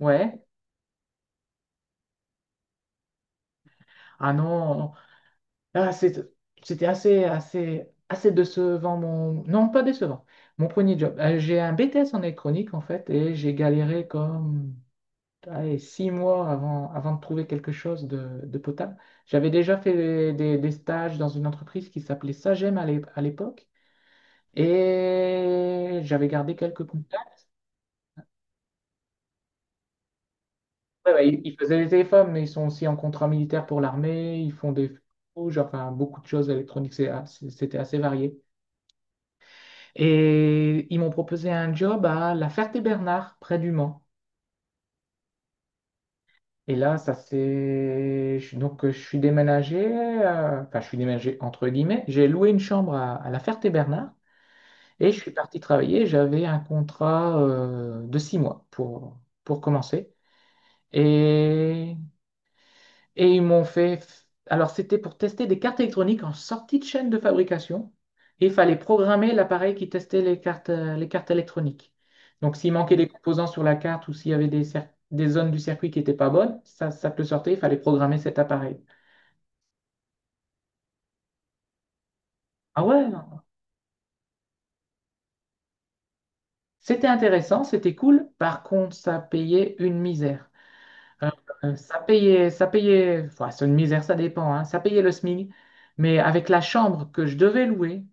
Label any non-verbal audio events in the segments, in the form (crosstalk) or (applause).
Ouais. Ah non. Ah, c'était assez décevant. Mon... Non, pas décevant. Mon premier job. J'ai un BTS en électronique, en fait, et j'ai galéré comme allez, 6 mois avant de trouver quelque chose de potable. J'avais déjà fait des stages dans une entreprise qui s'appelait Sagem à l'époque, et j'avais gardé quelques contacts. Ouais, ouais, ils faisaient des téléphones, mais ils sont aussi en contrat militaire pour l'armée, ils font des... Genre, enfin, beaucoup de choses électroniques, c'était assez varié. Et ils m'ont proposé un job à La Ferté-Bernard, près du Mans. Et là, ça c'est... Donc, je suis déménagé, enfin, je suis déménagé entre guillemets. J'ai loué une chambre à La Ferté-Bernard et je suis parti travailler. J'avais un contrat de 6 mois pour commencer. Et Et ils m'ont fait. Alors, c'était pour tester des cartes électroniques en sortie de chaîne de fabrication. Et il fallait programmer l'appareil qui testait les cartes électroniques. Donc, s'il manquait des composants sur la carte ou s'il y avait des zones du circuit qui n'étaient pas bonnes, ça te le sortait, il fallait programmer cet appareil. Ah ouais, non, c'était intéressant, c'était cool. Par contre, ça payait une misère. Euh, ça payait, enfin, c'est une misère, ça dépend, hein. Ça payait le SMIG. Mais avec la chambre que je devais louer,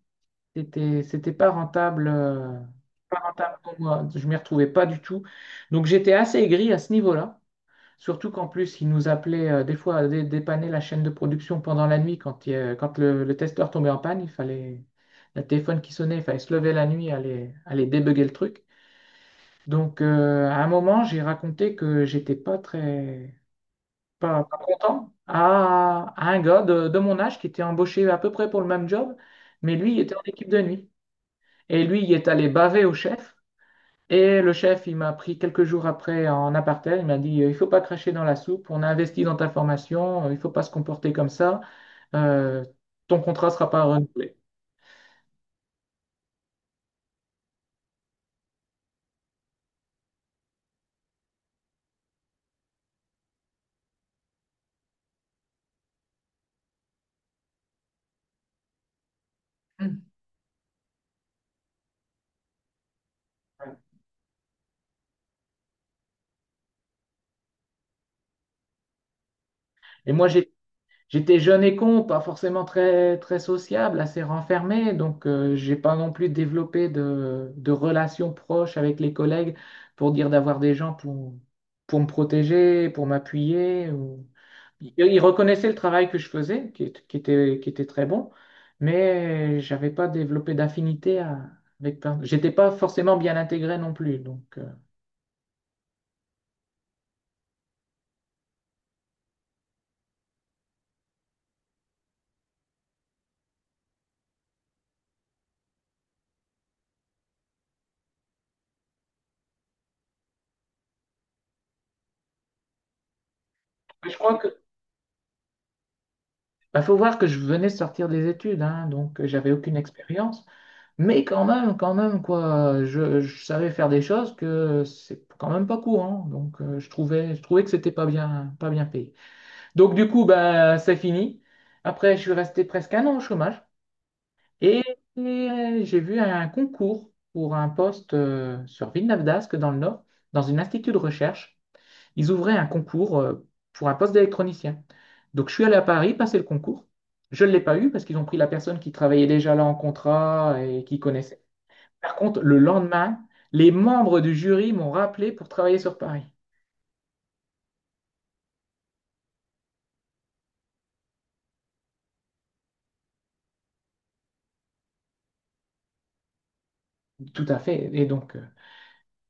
C'était pas rentable, pas rentable pour moi. Je m'y retrouvais pas du tout. Donc j'étais assez aigri à ce niveau-là. Surtout qu'en plus, ils nous appelaient des fois à dépanner la chaîne de production pendant la nuit quand, quand le testeur tombait en panne. Il fallait le téléphone qui sonnait, il fallait se lever la nuit, aller débugger le truc. Donc, à un moment, j'ai raconté que j'étais pas très pas content à un gars de mon âge qui était embauché à peu près pour le même job, mais lui il était en équipe de nuit. Et lui, il est allé baver au chef. Et le chef, il m'a pris quelques jours après en aparté. Il m'a dit, il faut pas cracher dans la soupe. On a investi dans ta formation. Il faut pas se comporter comme ça. Euh, ton contrat sera pas renouvelé. Mm. Et moi, j'étais jeune et con, pas forcément très, très sociable, assez renfermé, donc, j'ai pas non plus développé de relations proches avec les collègues pour dire d'avoir des gens pour me protéger, pour m'appuyer. Ils reconnaissaient le travail que je faisais, qui était très bon, mais j'avais pas développé avec plein. J'étais pas forcément bien intégré non plus, donc, je crois que bah, faut voir que je venais de sortir des études, hein, donc, j'avais aucune expérience. Mais quand même, quoi, je savais faire des choses que c'est quand même pas courant. Donc, je trouvais que c'était pas bien, pas bien payé. Donc, du coup, ben, c'est fini. Après, je suis resté presque un an au chômage et, et j'ai vu un concours pour un poste sur Villeneuve-d'Ascq, dans le Nord, dans une institut de recherche. Ils ouvraient un concours pour un poste d'électronicien. Donc, je suis allé à Paris passer le concours. Je ne l'ai pas eu parce qu'ils ont pris la personne qui travaillait déjà là en contrat et qui connaissait. Par contre, le lendemain, les membres du jury m'ont rappelé pour travailler sur Paris. Tout à fait. Et donc,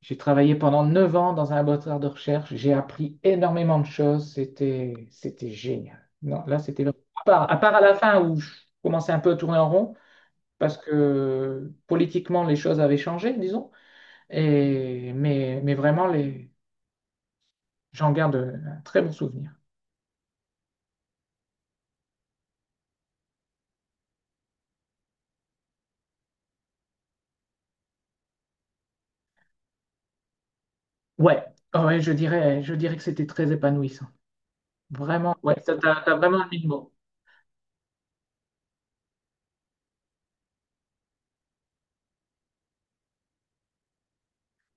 j'ai travaillé pendant 9 ans dans un laboratoire de recherche. J'ai appris énormément de choses. C'était génial. Non, là, c'était à part, à la fin où je commençais un peu à tourner en rond parce que politiquement, les choses avaient changé, disons. Et, mais vraiment, j'en garde un très bon souvenir. Ouais, ouais, je dirais que c'était très épanouissant. Vraiment, ouais, ça, t'as vraiment mis le mot.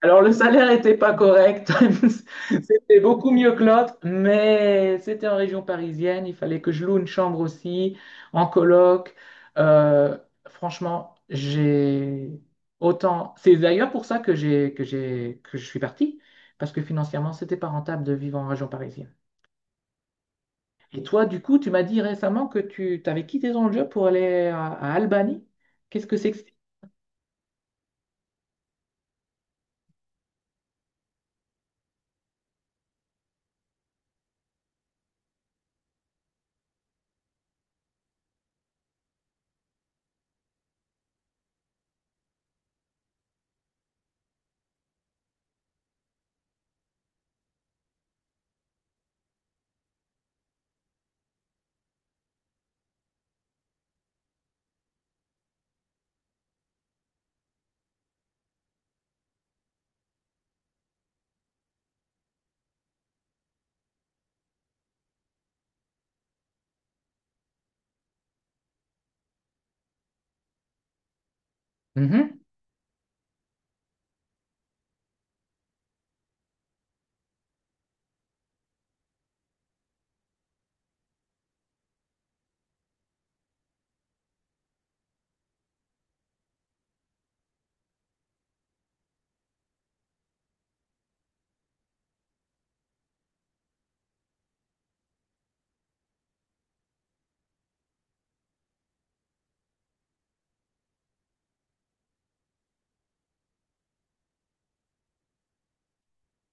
Alors, le salaire n'était pas correct. (laughs) C'était beaucoup mieux que l'autre, mais c'était en région parisienne. Il fallait que je loue une chambre aussi, en coloc. Euh, franchement, j'ai autant. C'est d'ailleurs pour ça que que je suis partie parce que financièrement, c'était pas rentable de vivre en région parisienne. Et toi, du coup, tu m'as dit récemment que tu t'avais quitté ton job pour aller à Albanie. Qu'est-ce que c'est que... ça?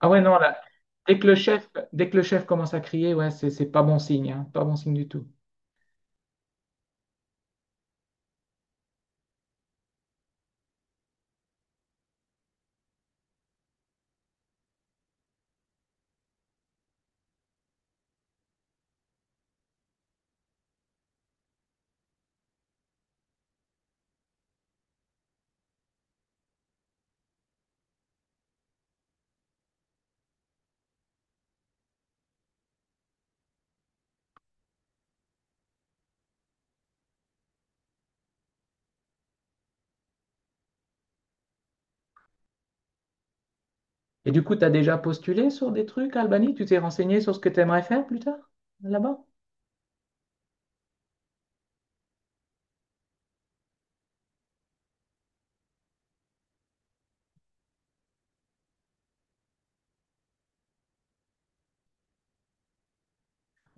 Ah ouais, non, là, dès que le chef commence à crier, ouais, c'est pas bon signe, hein, pas bon signe du tout. Et du coup, tu as déjà postulé sur des trucs, Albanie? Tu t'es renseigné sur ce que tu aimerais faire plus tard, là-bas?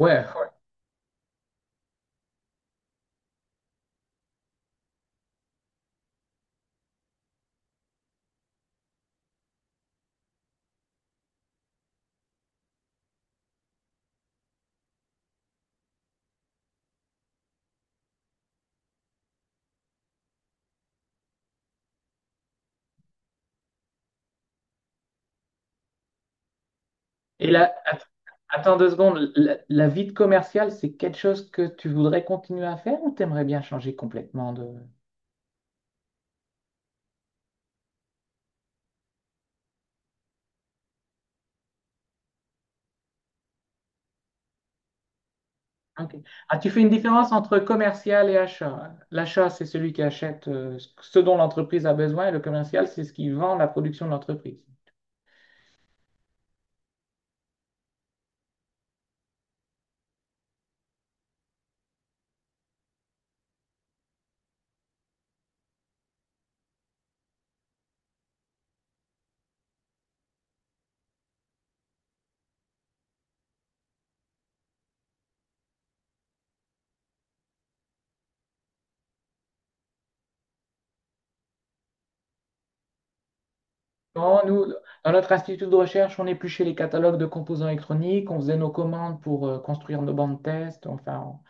Ouais. Et là, attends 2 secondes, la vie de commercial, c'est quelque chose que tu voudrais continuer à faire ou t'aimerais bien changer complètement de... Ok. Ah, tu fais une différence entre commercial et achat. L'achat, c'est celui qui achète, ce dont l'entreprise a besoin et le commercial, c'est ce qui vend la production de l'entreprise. Quand nous, dans notre institut de recherche, on épluchait les catalogues de composants électroniques, on faisait nos commandes pour construire nos bancs de test, enfin,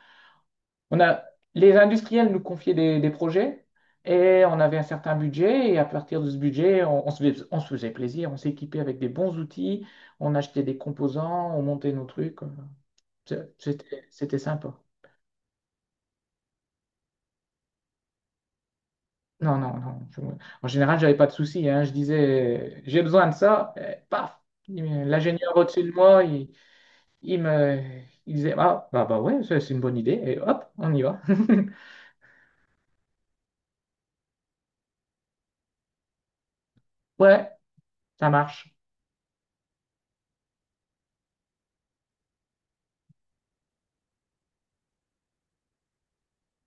On a, les industriels nous confiaient des projets et on avait un certain budget. Et à partir de ce budget, on se faisait plaisir, on s'équipait avec des bons outils, on achetait des composants, on montait nos trucs. C'était sympa. Non, non, non. En général, j'avais pas de soucis, hein. Je disais, j'ai besoin de ça, et paf! L'ingénieur au-dessus de moi, il me, il disait, ah, bah, bah ouais, ça, c'est une bonne idée. Et hop, on y va. (laughs) Ouais, ça marche.